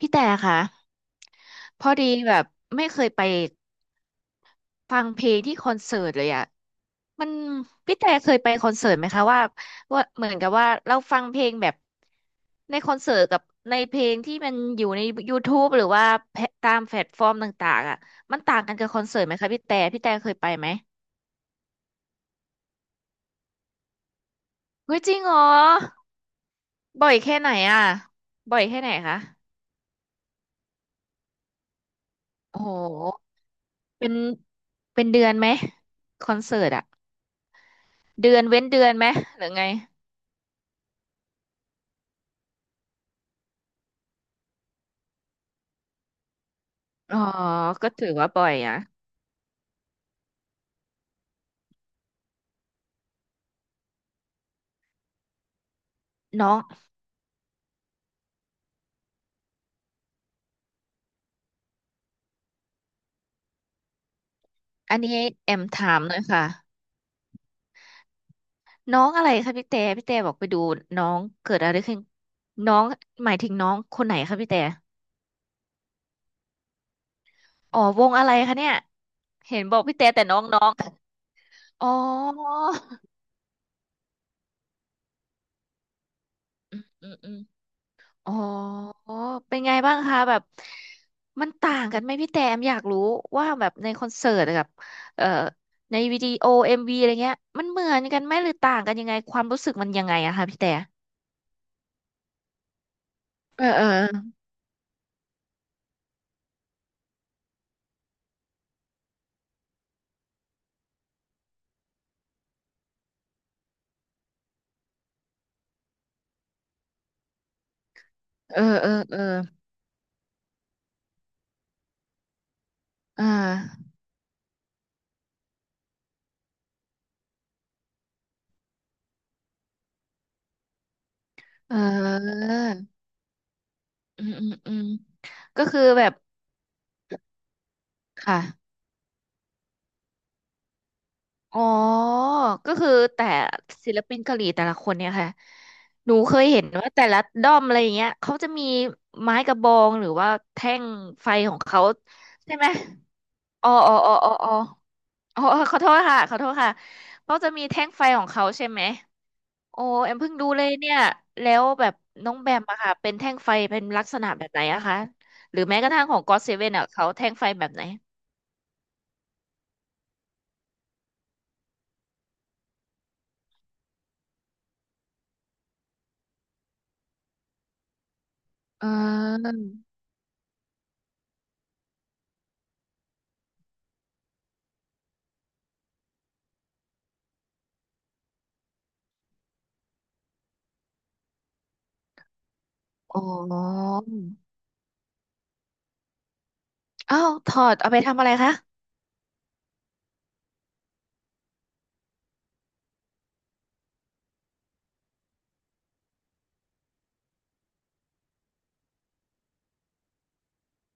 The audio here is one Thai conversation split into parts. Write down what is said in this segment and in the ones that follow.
พี่แต่ค่ะพอดีแบบไม่เคยไปฟังเพลงที่คอนเสิร์ตเลยอ่ะมันพี่แต่เคยไปคอนเสิร์ตไหมคะว่าเหมือนกับว่าเราฟังเพลงแบบในคอนเสิร์ตกับในเพลงที่มันอยู่ใน YouTube หรือว่าแพลตตามแพลตฟอร์มต่างๆอ่ะมันต่างกันกับคอนเสิร์ตไหมคะพี่แต่พี่แต่เคยไปไหมเฮ้ยจริงเหรอบ่อยแค่ไหนอ่ะบ่อยแค่ไหนคะโอ้โหเป็นเป็นเดือนไหมคอนเสิร์ตอ่ะเดือนเว้นเดือนไหมหรือไง อ๋อก็ถือว่าบ่อยนะน้อง อันนี้แอมถามหน่อยค่ะน้องอะไรคะพี่แต่พี่แต่บอกไปดูน้องเกิดอะไรขึ้นน้องหมายถึงน้องคนไหนคะพี่แต่อ๋อวงอะไรคะเนี่ยเห็นบอกพี่แต่แต่น้องน้องอ๋ออืมอืมอ๋อเป็นไงบ้างคะแบบมันต่างกันไหมพี่แต่มอยากรู้ว่าแบบในคอนเสิร์ตกับเอ่อในวิดีโอเอ็มวีอะไรเงี้ยมันเหมือนกันไหมหรือต่างกันยังไงความรู้สึกมันยังไงอะคะพี่แต่เออเออ เออเออเอออ่าเอออืมก็คือแบบค่ะอ๋อก็คือแต่ศิลปินเกาหลีแต่ละคนเนี่ยค่ะหนูเคยเห็นว่าแต่ละด้อมอะไรอย่างเงี้ยเขาจะมีไม้กระบองหรือว่าแท่งไฟของเขาใช่ไหมอ๋ออ๋อขอโทษค่ะขอโทษค่ะเขาจะมีแท่งไฟของเขาใช่ไหม โอ้แอมเพิ่งดูเลยเนี่ยแล้วแบบน้องแบมอะค่ะเป็นแท่งไฟเป็นลักษณะแบบไหนอะคะหรือแม้กระทั่งของก็อดเซเว่นอะเขาแท่งไฟแบบไหนอ่าอ๋ออ้าวถอดเอาไปทำอะไรคะ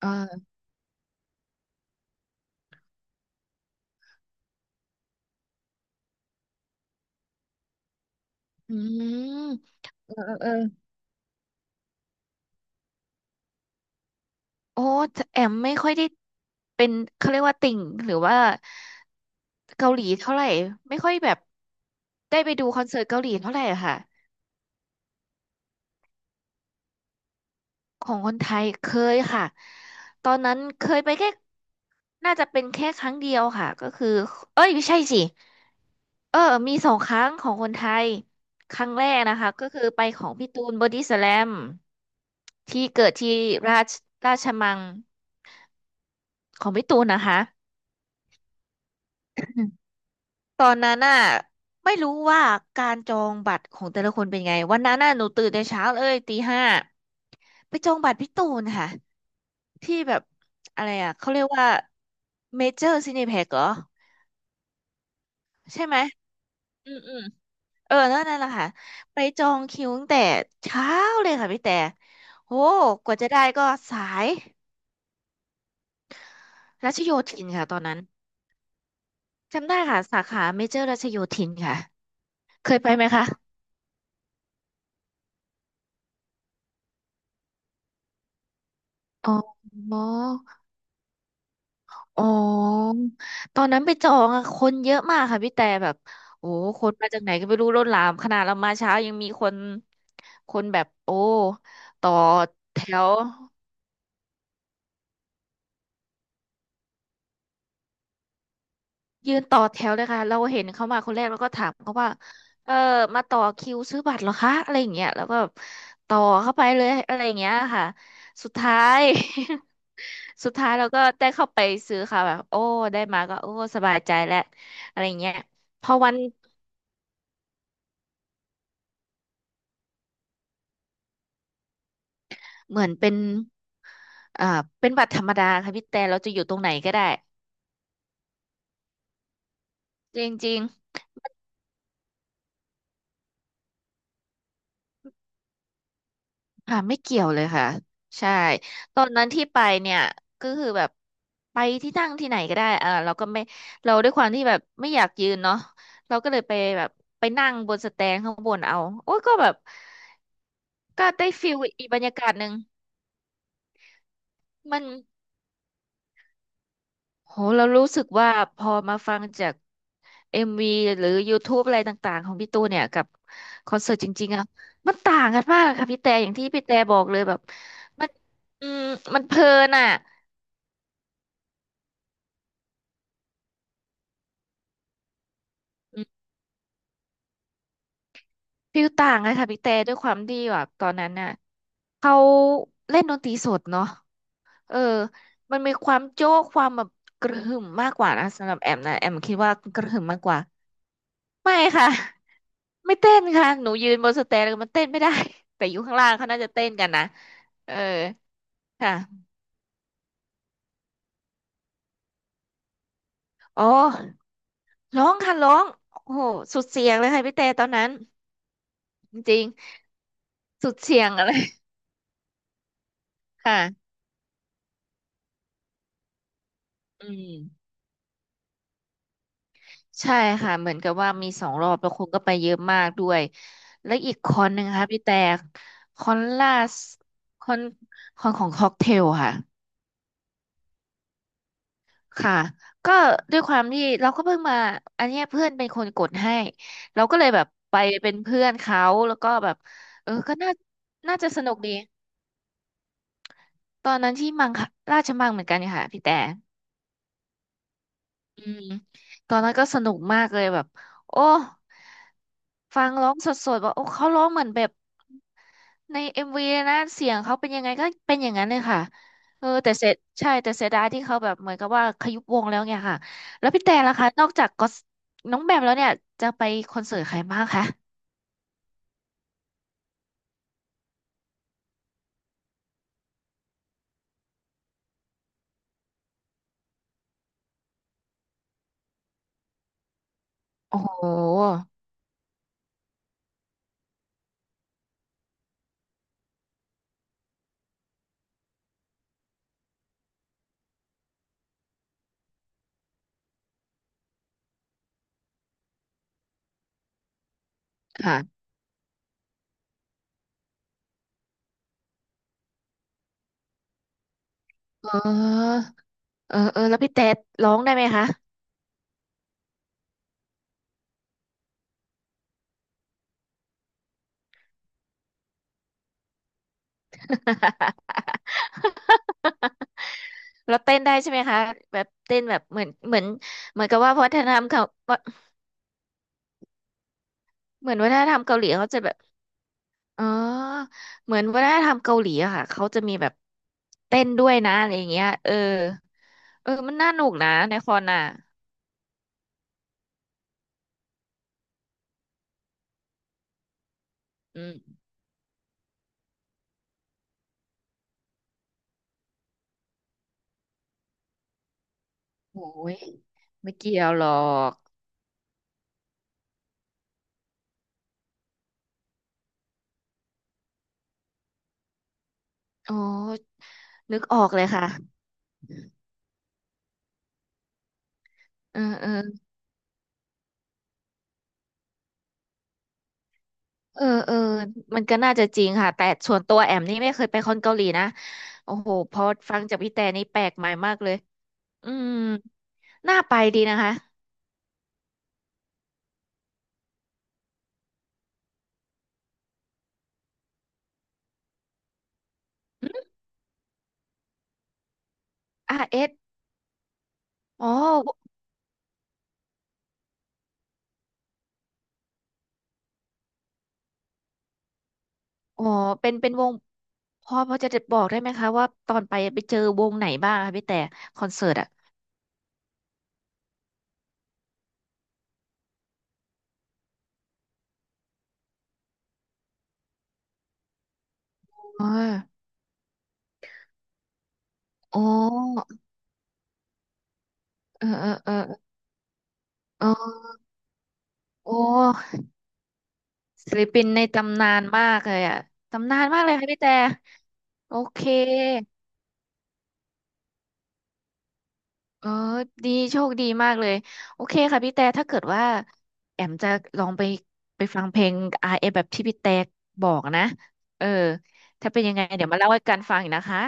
อ่าอืมเออเออเออโอ้แอมไม่ค่อยได้เป็นเขาเรียกว่าติ่งหรือว่าเกาหลีเท่าไหร่ไม่ค่อยแบบได้ไปดูคอนเสิร์ตเกาหลีเท่าไหร่อะค่ะ ของคนไทยเคยค่ะ ตอนนั้นเคยไปแค่ น่าจะเป็นแค่ครั้งเดียวค่ะ ก็คือเอ้ยไม่ใช่สิ เออมีสองครั้งของคนไทย ครั้งแรกนะคะ ก็คือไปของพี่ตูนบอดี้สแลมที่เกิดที่ราชราชมังของพี่ตูนนะคะ ตอนนั้นน่ะไม่รู้ว่าการจองบัตรของแต่ละคนเป็นไง วันนั้นน่ะหนูตื่นแต่เช้าเลยตีห้า ไปจองบัตรพี่ตูนค่ะที่แบบอะไรอ่ะเขาเรียกว่าเมเจอร์ซีนีแพ็เหรอใช่ไหมอืมอืมเออนั่นแหละค่ะไปจองคิวตั้งแต่เช้าเลยค่ะพี่แต่โหกว่าจะได้ก็สายรัชโยธินค่ะตอนนั้นจำได้ค่ะสาขาเมเจอร์รัชโยธินค่ะเคยไปไหมคะอ๋อ อ๋อตอนนั้นไปจองอะคนเยอะมากค่ะพี่แต่แบบ โอ้ คนมาจากไหนก็ไม่รู้ล้นหลามขนาดเรามาเช้ายังมีคนแบบโอ้ต่อแถวยืนต่อแถวเลยค่ะเราเห็นเขามาคนแรกแล้วก็ถามเขาว่าเออมาต่อคิวซื้อบัตรเหรอคะอะไรอย่างเงี้ยแล้วก็แบบต่อเข้าไปเลยอะไรอย่างเงี้ยค่ะสุดท้าย สุดท้ายเราก็ได้เข้าไปซื้อค่ะแบบโอ้ได้มาก็โอ้สบายใจแล้วอะไรอย่างเงี้ยพอวันเหมือนเป็น อ่าเป็นบัตรธรรมดาค่ะพี่แต่เราจะอยู่ตรงไหนก็ได้จริงๆค่ะไม่เกี่ยวเลยค่ะใช่ตอนนั้นที่ไปเนี่ยก็คือแบบไปที่นั่งที่ไหนก็ได้อ่าเราด้วยความที่แบบไม่อยากยืนเนาะเราก็เลยไปแบบไปนั่งบนสแตนข้างบนเอาโอ้ยก็แบบก็ได้ฟิลอีกบรรยากาศหนึ่งมัน โหเรารู้สึกว่าพอมาฟังจากเอ็มวีหรือ YouTube อะไรต่างๆของพี่ตูนเนี่ยกับคอนเสิร์ตจริงๆอะมันต่างกันมากค่ะพี่แต่อย่างที่พี่แต่บอกเลยแบบมันอืมมันเพลินอ่ะอืมฟิลต่างเลยค่ะพี่แต่ด้วยความที่แบบตอนนั้นน่ะเขาเล่นดนตรีสดเนาะเออมันมีความโจ๊กความแบบกระหึ่มมากกว่านะสำหรับแอมนะแอมคิดว่ากระหึ่มมากกว่า ไม่ค่ะ ไม่เต้นค่ะหนูยืนบนสเตนแล้วมันเต้นไม่ได้ แต่อยู่ข้างล่างเขาน่าจะเต้นกันนะเออค่ะอ๋อร้องค่ะร้องโอ้โหสุดเสียงเลยค่ะพี่แต่ตอนนั้นจริงๆสุดเสียงอะไร ค่ะอืมใช่ค่ะเหมือนกับว่ามีสองรอบแล้วคนก็ไปเยอะมากด้วยแล้วอีกคอนหนึ่งค่ะพี่แต่คอนล่าสคอนคอนของค็อกเทลค่ะ ค่ะก็ด้วยความที่เราก็เพิ่งมาอันเนี้ยเพื่อนเป็นคนกดให้เราก็เลยแบบไปเป็นเพื่อนเขาแล้วก็แบบเออก็น่าจะสนุกดีตอนนั้นที่มังคราชมังเหมือนกันค่ะพี่แต่ อืมตอนนั้นก็สนุกมากเลยแบบโอ้ฟังร้องสดๆว่าโอ้เขาร้องเหมือนแบบในเอ็มวีนะเสียงเขาเป็นยังไงก็เป็นอย่างนั้นเลยค่ะเออแต่เสรใช่แต่เสียดายที่เขาแบบเหมือนกับว่าขยุบวงแล้วเนี่ยค่ะแล้วพี่แต่ล่ะคะนอกจากก็อตน้องแบมแล้วเนี่ยจะไปคอนเสิร์ตใครบ้างคะโอ้โหค่ะเออเออแล้วพี่แต่ร้องได้ไหมคะ เราเต้นได้ใช่ไหมคะแบบเต้นแบบเหมือนกับว่าวัฒนธรรมเขาเหมือนวัฒนธรรมเกาหลีเขาจะแบบอ๋อเหมือนวัฒนธรรมเกาหลีอะค่ะเขาจะมีแบบเต้นด้วยนะอะไรอย่างเงี้ยเออมันน่าหนุกนะในคอนอ่ะอืมโอ้ยไม่เกี่ยวหรอกอ๋อนึกออกเลยค่ะเออเออเออมันก็น่าจะจริงค่ะแต่ส่วนตัวแอมนี่ไม่เคยไปคอนเกาหลีนะโอ้โหพอฟังจากพี่แต่นี่แปลกใหม่มากเลย อืมน่าไปดีนะคะอาร์เอสอ๋ออ๋อเป็นวงพอจะบอกได้ไหมคะว่าตอนไปเจอวงไหนบ้างคะพี่แต่คอนเสิร์ตอ่ะอ๋อโอ้เออเออเออเออโอ้ศิลปินในตำนานมากเลยอ่ะตำนานมากเลยค่ะพี่แต่โอเค เออดีโชคดีมากเลยโอเคค่ะพี่แต่ถ้าเกิดว่าแอมจะลองไปฟังเพลงอาร์เอแบบที่พี่แต่บอกนะเออถ้าเป็นยังไงเดี๋ยวมาเล่าให้กันฟังอีกนะคะ